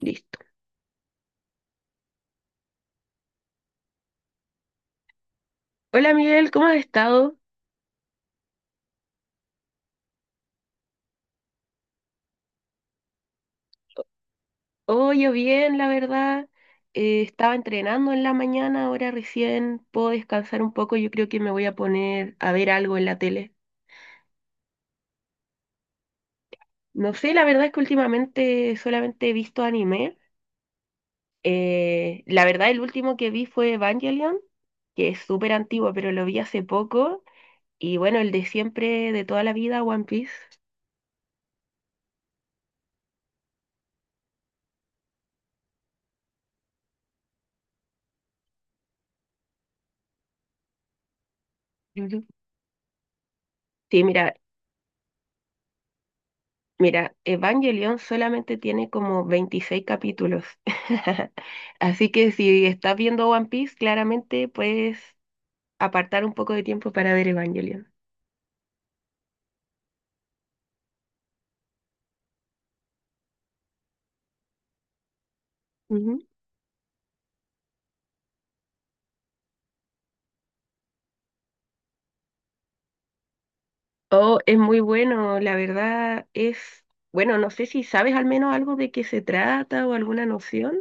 Listo. Hola Miguel, ¿cómo has estado? Oh, yo bien, la verdad. Estaba entrenando en la mañana, ahora recién puedo descansar un poco. Yo creo que me voy a poner a ver algo en la tele. No sé, la verdad es que últimamente solamente he visto anime. La verdad, el último que vi fue Evangelion, que es súper antiguo, pero lo vi hace poco. Y bueno, el de siempre, de toda la vida, One Piece. Ujú. Sí, mira, Evangelion solamente tiene como 26 capítulos. Así que si estás viendo One Piece, claramente puedes apartar un poco de tiempo para ver Evangelion. Ujú. Oh, es muy bueno, la verdad es, bueno, no sé si sabes al menos algo de qué se trata o alguna noción.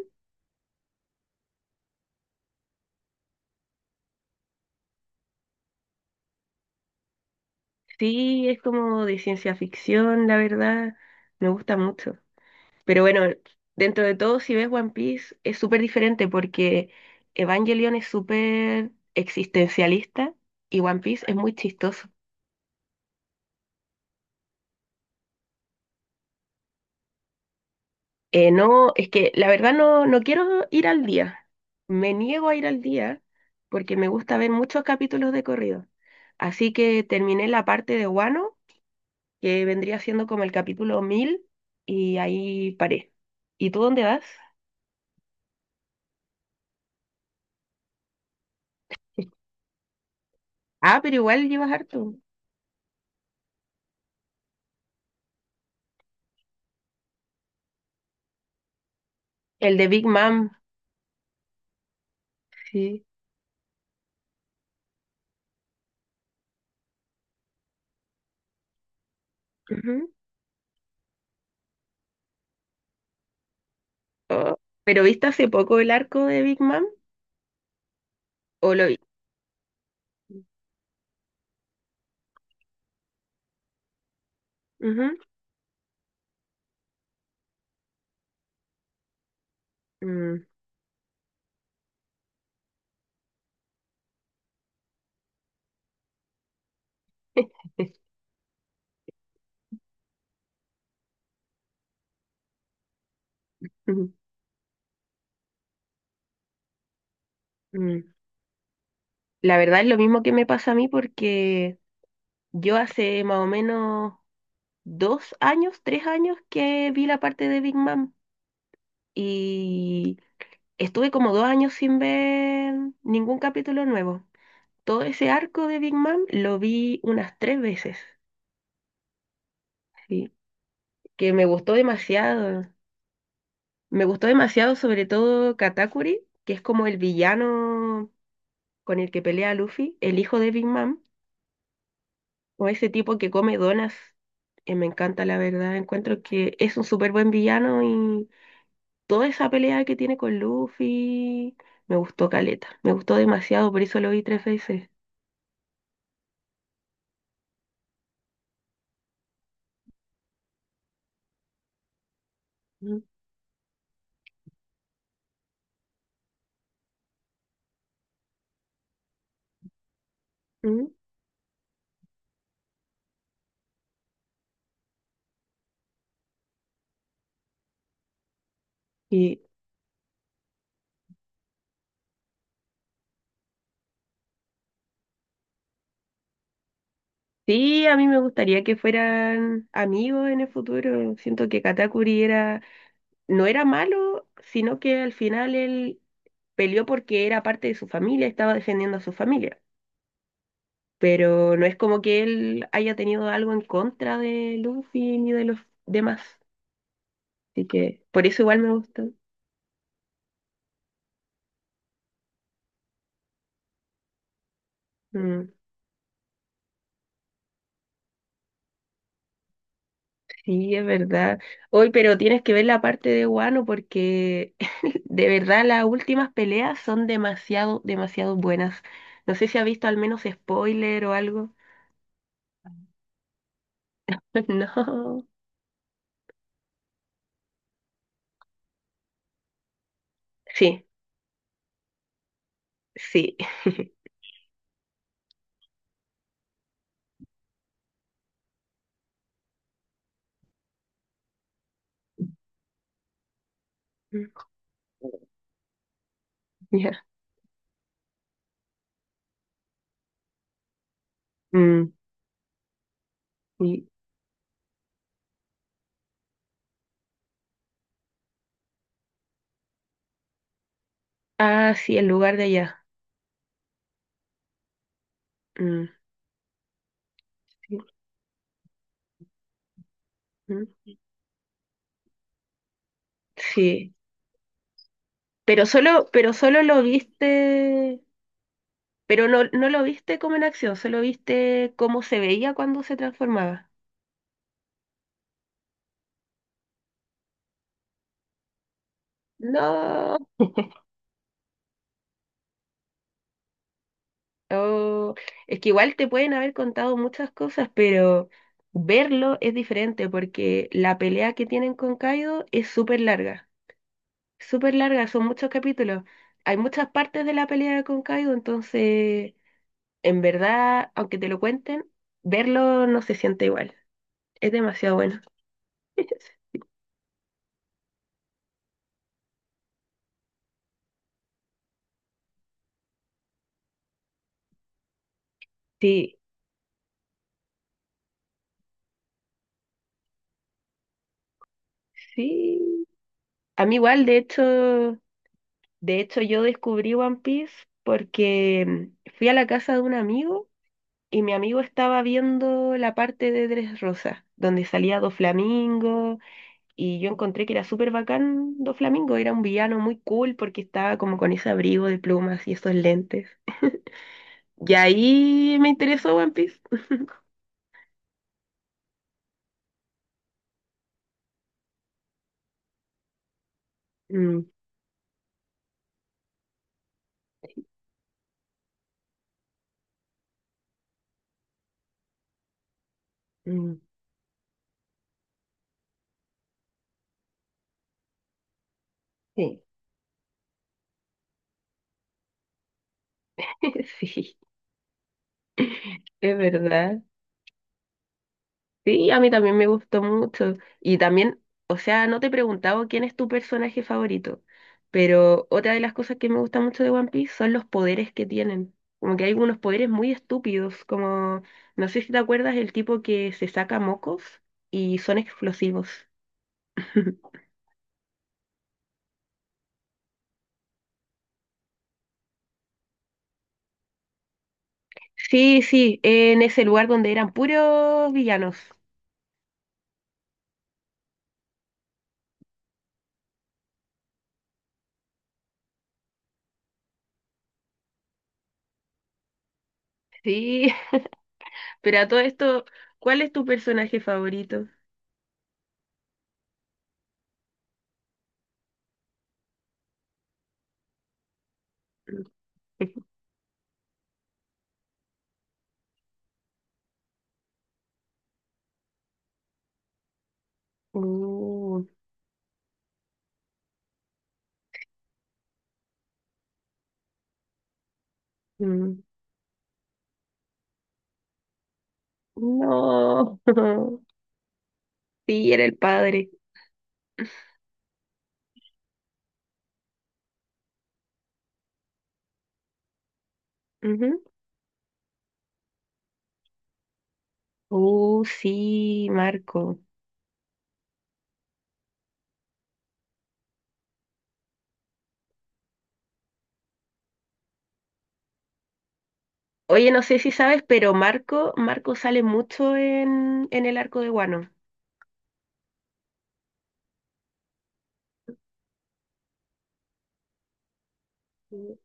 Sí, es como de ciencia ficción, la verdad, me gusta mucho. Pero bueno, dentro de todo, si ves One Piece, es súper diferente porque Evangelion es súper existencialista y One Piece es muy chistoso. No, es que la verdad no, no quiero ir al día. Me niego a ir al día porque me gusta ver muchos capítulos de corrido. Así que terminé la parte de Wano, que vendría siendo como el capítulo 1000 y ahí paré. ¿Y tú dónde vas? Ah, pero igual llevas harto. El de Big Mom. Sí. Oh, ¿pero viste hace poco el arco de Big Mom? ¿O lo vi? Ujú. Mm, ujú, mm. La verdad es lo mismo que me pasa a mí porque yo hace más o menos 2 años, 3 años que vi la parte de Big Mom y estuve como 2 años sin ver ningún capítulo nuevo. Todo ese arco de Big Mom lo vi unas tres veces, sí, que me gustó demasiado. Me gustó demasiado sobre todo Katakuri, que es como el villano con el que pelea Luffy, el hijo de Big Mom, o ese tipo que come donas. Me encanta, la verdad. Encuentro que es un súper buen villano y toda esa pelea que tiene con Luffy me gustó caleta. Me gustó demasiado, por eso lo vi tres veces. Mm, mm. Y sí, a mí me gustaría que fueran amigos en el futuro. Siento que Katakuri era, no era malo, sino que al final él peleó porque era parte de su familia, estaba defendiendo a su familia. Pero no es como que él haya tenido algo en contra de Luffy ni de los demás. Así que por eso igual me gustó. Mm, sí, es verdad. Hoy, pero tienes que ver la parte de Wano porque de verdad las últimas peleas son demasiado, demasiado buenas. No sé si ha visto al menos spoiler o algo. No. Sí, sí. Mm, ya. Mm, sí. Ah, sí, el lugar de allá. Mm, sí. Mm, sí. Pero solo lo viste, pero no, no lo viste como en acción, solo viste cómo se veía cuando se transformaba. No, oh, es que igual te pueden haber contado muchas cosas, pero verlo es diferente porque la pelea que tienen con Kaido es súper larga, son muchos capítulos. Hay muchas partes de la pelea con Kaido, entonces, en verdad, aunque te lo cuenten, verlo no se siente igual. Es demasiado bueno. Sí, sí, a mí igual, de hecho yo descubrí One Piece porque fui a la casa de un amigo y mi amigo estaba viendo la parte de Dressrosa, donde salía Doflamingo y yo encontré que era súper bacán Doflamingo, era un villano muy cool porque estaba como con ese abrigo de plumas y esos lentes. Y ahí me interesó One Piece. Mm, mm, sí. Sí, es verdad. Sí, a mí también me gustó mucho. Y también, o sea, no te he preguntado quién es tu personaje favorito, pero otra de las cosas que me gusta mucho de One Piece son los poderes que tienen. Como que hay unos poderes muy estúpidos, como, no sé si te acuerdas, el tipo que se saca mocos y son explosivos. Sí, sí, en ese lugar donde eran puros villanos. Sí, pero a todo esto, ¿cuál es tu personaje favorito? Uh, mm. No. Sí, era el padre. Ujú. Sí, Marco. Oye, no sé si sabes, pero Marco sale mucho en el arco de Guano. Sí,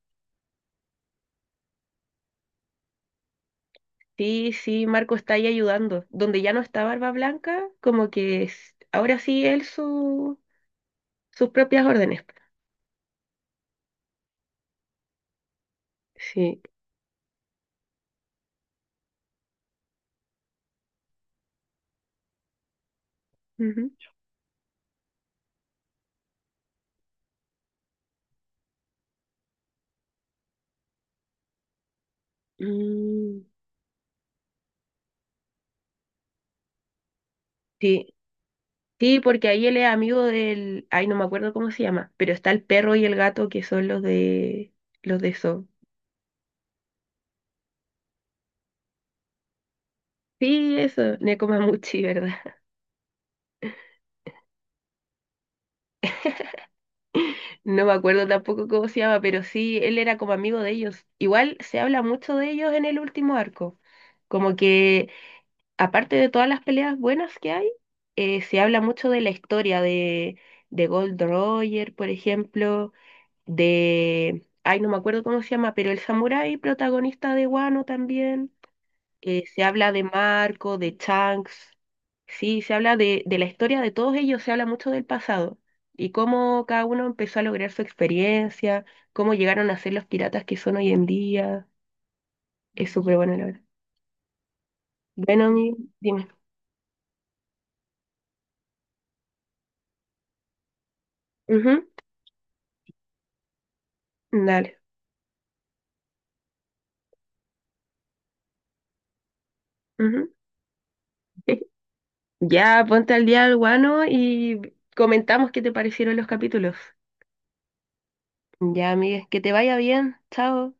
sí, sí, Marco está ahí ayudando. Donde ya no está Barba Blanca, como que ahora sí él sus propias órdenes. Sí. Ujú. Mm, sí. Sí, porque ahí él es amigo del, ay, no me acuerdo cómo se llama, pero está el perro y el gato que son los de eso. Sí, eso, Nekomamuchi, ¿verdad? No me acuerdo tampoco cómo se llama, pero sí, él era como amigo de ellos. Igual se habla mucho de ellos en el último arco. Como que, aparte de todas las peleas buenas que hay, se habla mucho de la historia de Gold Roger, por ejemplo, de... Ay, no me acuerdo cómo se llama, pero el samurái protagonista de Wano también. Se habla de Marco, de Chunks, sí, se habla de la historia de todos ellos, se habla mucho del pasado y cómo cada uno empezó a lograr su experiencia, cómo llegaron a ser los piratas que son hoy en día. Es súper bueno, la verdad. Bueno, dime. Ujú, dale. Ujú. Ya, ponte al día al guano y comentamos qué te parecieron los capítulos. Ya, amigues, que te vaya bien. Chao.